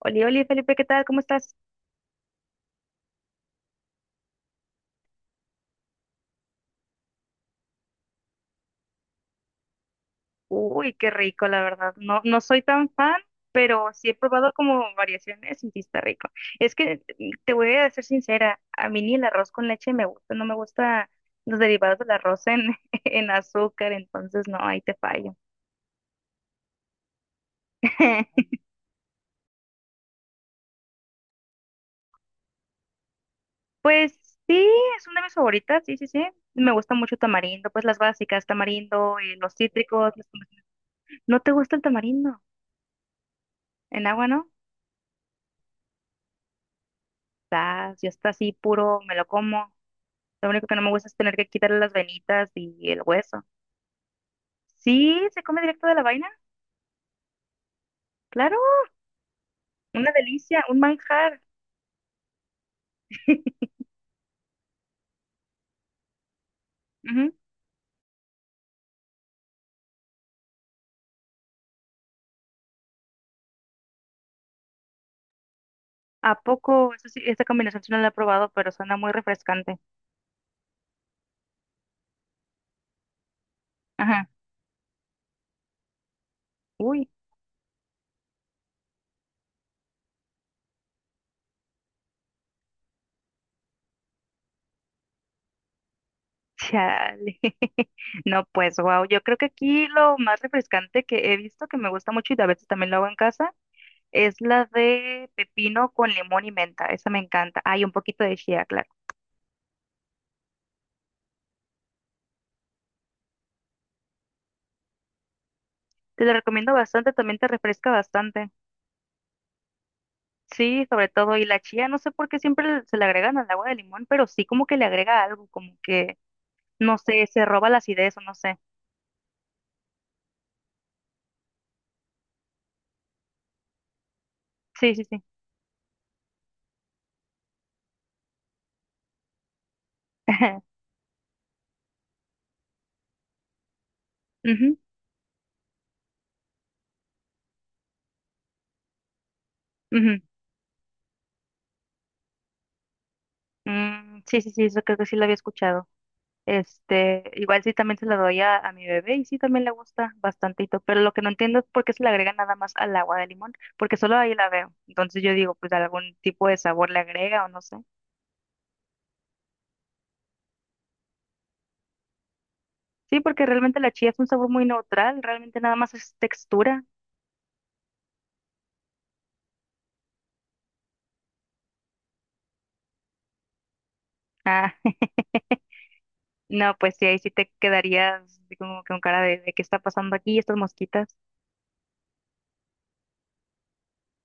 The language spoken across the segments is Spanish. Oli, Oli, Felipe, ¿qué tal? ¿Cómo estás? Uy, qué rico, la verdad. No, no soy tan fan, pero sí he probado como variaciones y sí está rico. Es que te voy a ser sincera, a mí ni el arroz con leche me gusta, no me gusta los derivados del arroz en, en azúcar, entonces no, ahí te fallo. Pues sí, es una de mis favoritas, sí, sí, sí. Me gusta mucho tamarindo, pues las básicas, tamarindo y los cítricos. ¿No te gusta el tamarindo? En agua, ¿no? Ah, yo está así puro, me lo como. Lo único que no me gusta es tener que quitarle las venitas y el hueso. Sí, se come directo de la vaina, claro, una delicia, un manjar. Ujú. ¿A poco? Eso sí, esta combinación sí no la he probado, pero suena muy refrescante. Ajá. Uy, chale. No, pues, wow. Yo creo que aquí lo más refrescante que he visto, que me gusta mucho y a veces también lo hago en casa, es la de pepino con limón y menta. Esa me encanta. Hay un poquito de chía, claro. Te la recomiendo bastante, también te refresca bastante. Sí, sobre todo, y la chía, no sé por qué siempre se le agregan al agua de limón, pero sí como que le agrega algo, como que, no sé, se roba la acidez o no sé. Sí, sí, sí. Ujú, ujú. Mm, sí, sí, sí, eso creo que sí lo había escuchado. Este, igual sí también se lo doy a mi bebé y sí también le gusta bastantito, pero lo que no entiendo es por qué se le agrega nada más al agua de limón, porque solo ahí la veo. Entonces yo digo, pues algún tipo de sabor le agrega o no sé. Sí, porque realmente la chía es un sabor muy neutral, realmente nada más es textura. Ah, no, pues sí, ahí sí te quedarías así como que con cara de qué está pasando aquí, estas mosquitas.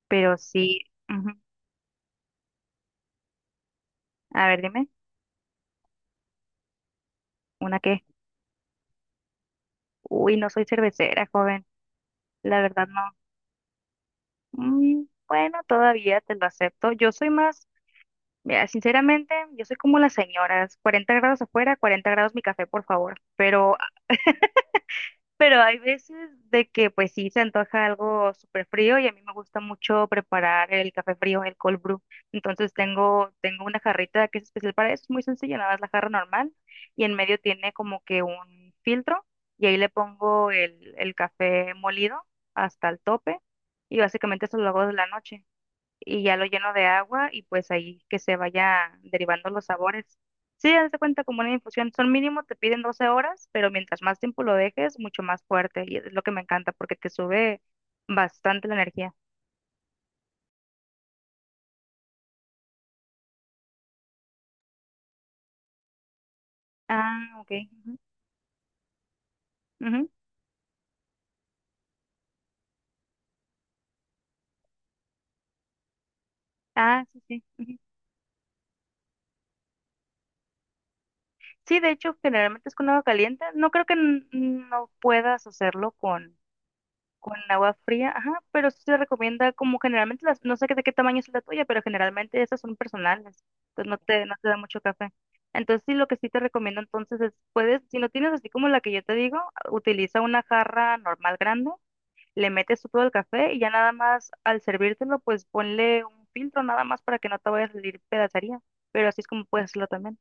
Pero sí, ujú. A ver, dime, ¿una qué? Uy, no soy cervecera, joven. La verdad no. Bueno, todavía te lo acepto. Yo soy más, mira, sinceramente, yo soy como las señoras. 40 grados afuera, 40 grados mi café, por favor. Pero Pero hay veces de que pues sí se antoja algo súper frío y a mí me gusta mucho preparar el café frío, el cold brew. Entonces tengo una jarrita que es especial para eso, es muy sencilla, nada más la jarra normal y en medio tiene como que un filtro y ahí le pongo el café molido hasta el tope y básicamente eso lo hago de la noche y ya lo lleno de agua y pues ahí que se vaya derivando los sabores. Sí, haz de cuenta como una infusión, son mínimo, te piden 12 horas, pero mientras más tiempo lo dejes, mucho más fuerte y es lo que me encanta porque te sube bastante la energía. Ah, ok. Ujú, ujú. Ah, sí, sí. Ujú. Sí, de hecho, generalmente es con agua caliente. No creo que no puedas hacerlo con. Con agua fría, ajá, pero sí se recomienda como generalmente las, no sé qué- de qué tamaño es la tuya, pero generalmente esas son personales, entonces no te da mucho café. Entonces sí, lo que sí te recomiendo entonces es, puedes, si no tienes así como la que yo te digo, utiliza una jarra normal grande, le metes tú todo el café y ya nada más al servírtelo, pues ponle un filtro nada más para que no te vaya a salir pedacería, pero así es como puedes hacerlo también.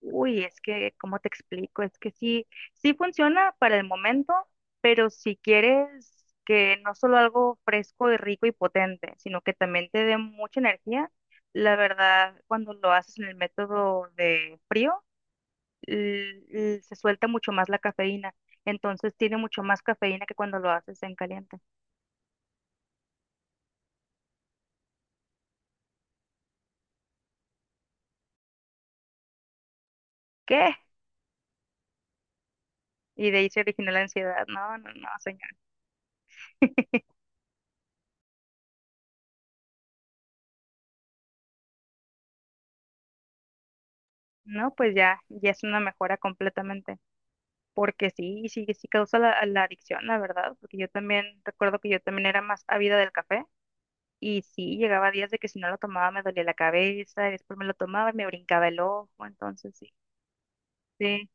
Uy, es que, ¿cómo te explico? Es que sí, sí funciona para el momento, pero si quieres que no solo algo fresco y rico y potente, sino que también te dé mucha energía, la verdad, cuando lo haces en el método de frío, se suelta mucho más la cafeína. Entonces tiene mucho más cafeína que cuando lo haces en caliente. ¿Qué? Y de ahí se origina la ansiedad. No, no, no, señor. No, pues ya, ya es una mejora completamente. Porque sí, sí, sí causa la adicción, la verdad, porque yo también recuerdo que yo también era más ávida del café y sí, llegaba días de que si no lo tomaba me dolía la cabeza, y después me lo tomaba y me brincaba el ojo, entonces sí, sí.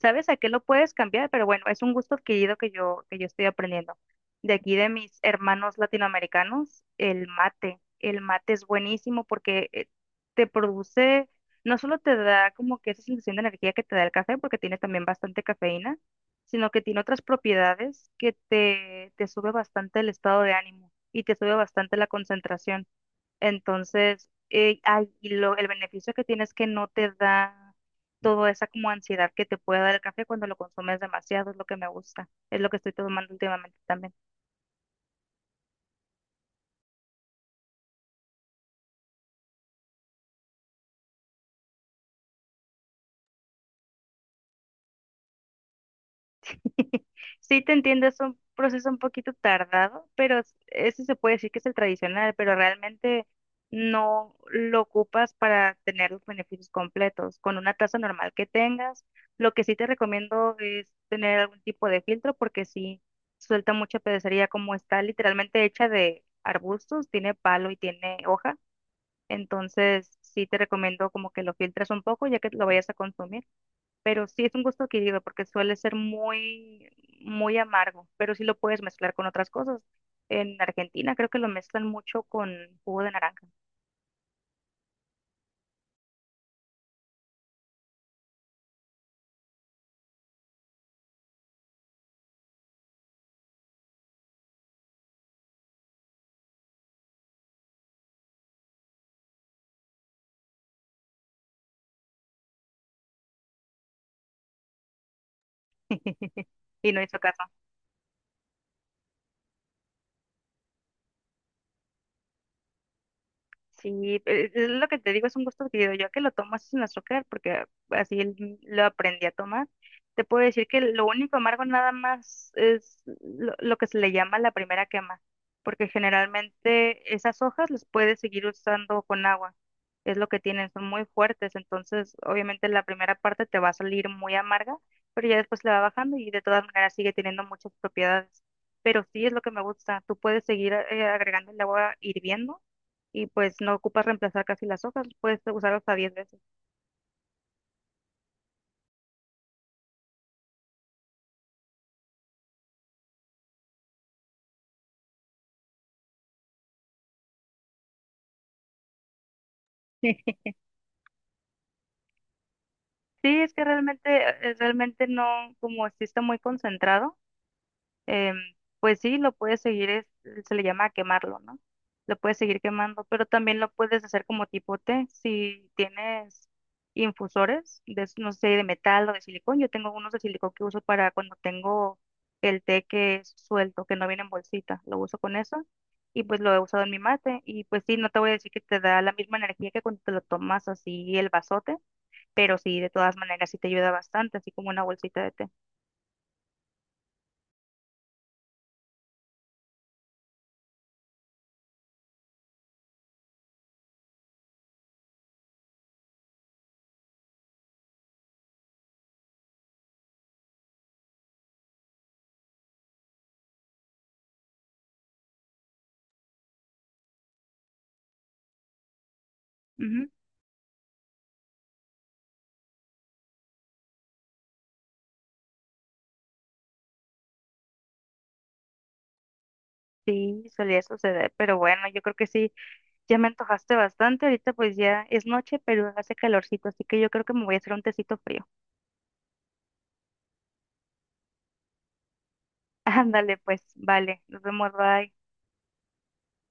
¿Sabes a qué lo puedes cambiar? Pero bueno, es un gusto adquirido que yo estoy aprendiendo. De aquí de mis hermanos latinoamericanos, el mate. El mate es buenísimo porque te produce, no solo te da como que esa sensación de energía que te da el café, porque tiene también bastante cafeína, sino que tiene otras propiedades que te sube bastante el estado de ánimo y te sube bastante la concentración. Entonces, ay, y el beneficio que tienes que no te da toda esa como ansiedad que te puede dar el café cuando lo consumes demasiado, es lo que me gusta, es lo que estoy tomando últimamente también. Sí, te entiendo, es un proceso un poquito tardado, pero ese se puede decir que es el tradicional, pero realmente no lo ocupas para tener los beneficios completos. Con una taza normal que tengas, lo que sí te recomiendo es tener algún tipo de filtro porque sí suelta mucha pedacería como está literalmente hecha de arbustos, tiene palo y tiene hoja, entonces sí te recomiendo como que lo filtres un poco ya que lo vayas a consumir, pero sí es un gusto adquirido porque suele ser muy, muy amargo, pero sí lo puedes mezclar con otras cosas. En Argentina creo que lo mezclan mucho con jugo de naranja. Y no hizo caso. Sí, es lo que te digo, es un gusto adquirido. Yo que lo tomo así sin azúcar, porque así lo aprendí a tomar. Te puedo decir que lo único amargo nada más es lo que se le llama la primera quema, porque generalmente esas hojas las puedes seguir usando con agua. Es lo que tienen, son muy fuertes, entonces obviamente la primera parte te va a salir muy amarga, pero ya después le va bajando y de todas maneras sigue teniendo muchas propiedades. Pero sí es lo que me gusta, tú puedes seguir agregando el agua hirviendo y pues no ocupas reemplazar casi las hojas, puedes usar hasta 10 veces. Sí, es que realmente, realmente no, como existe muy concentrado, em, pues sí, lo puedes seguir, se le llama quemarlo, ¿no? Lo puedes seguir quemando, pero también lo puedes hacer como tipo té. Si tienes infusores, de, no sé, de metal o de silicón, yo tengo unos de silicón que uso para cuando tengo el té que es suelto, que no viene en bolsita, lo uso con eso y pues lo he usado en mi mate y pues sí, no te voy a decir que te da la misma energía que cuando te lo tomas así el vasote, pero sí, de todas maneras sí te ayuda bastante, así como una bolsita de té. Sí, solía suceder, pero bueno, yo creo que sí, ya me antojaste bastante, ahorita pues ya es noche, pero hace calorcito, así que yo creo que me voy a hacer un tecito frío. Ándale, pues, vale, nos vemos, bye.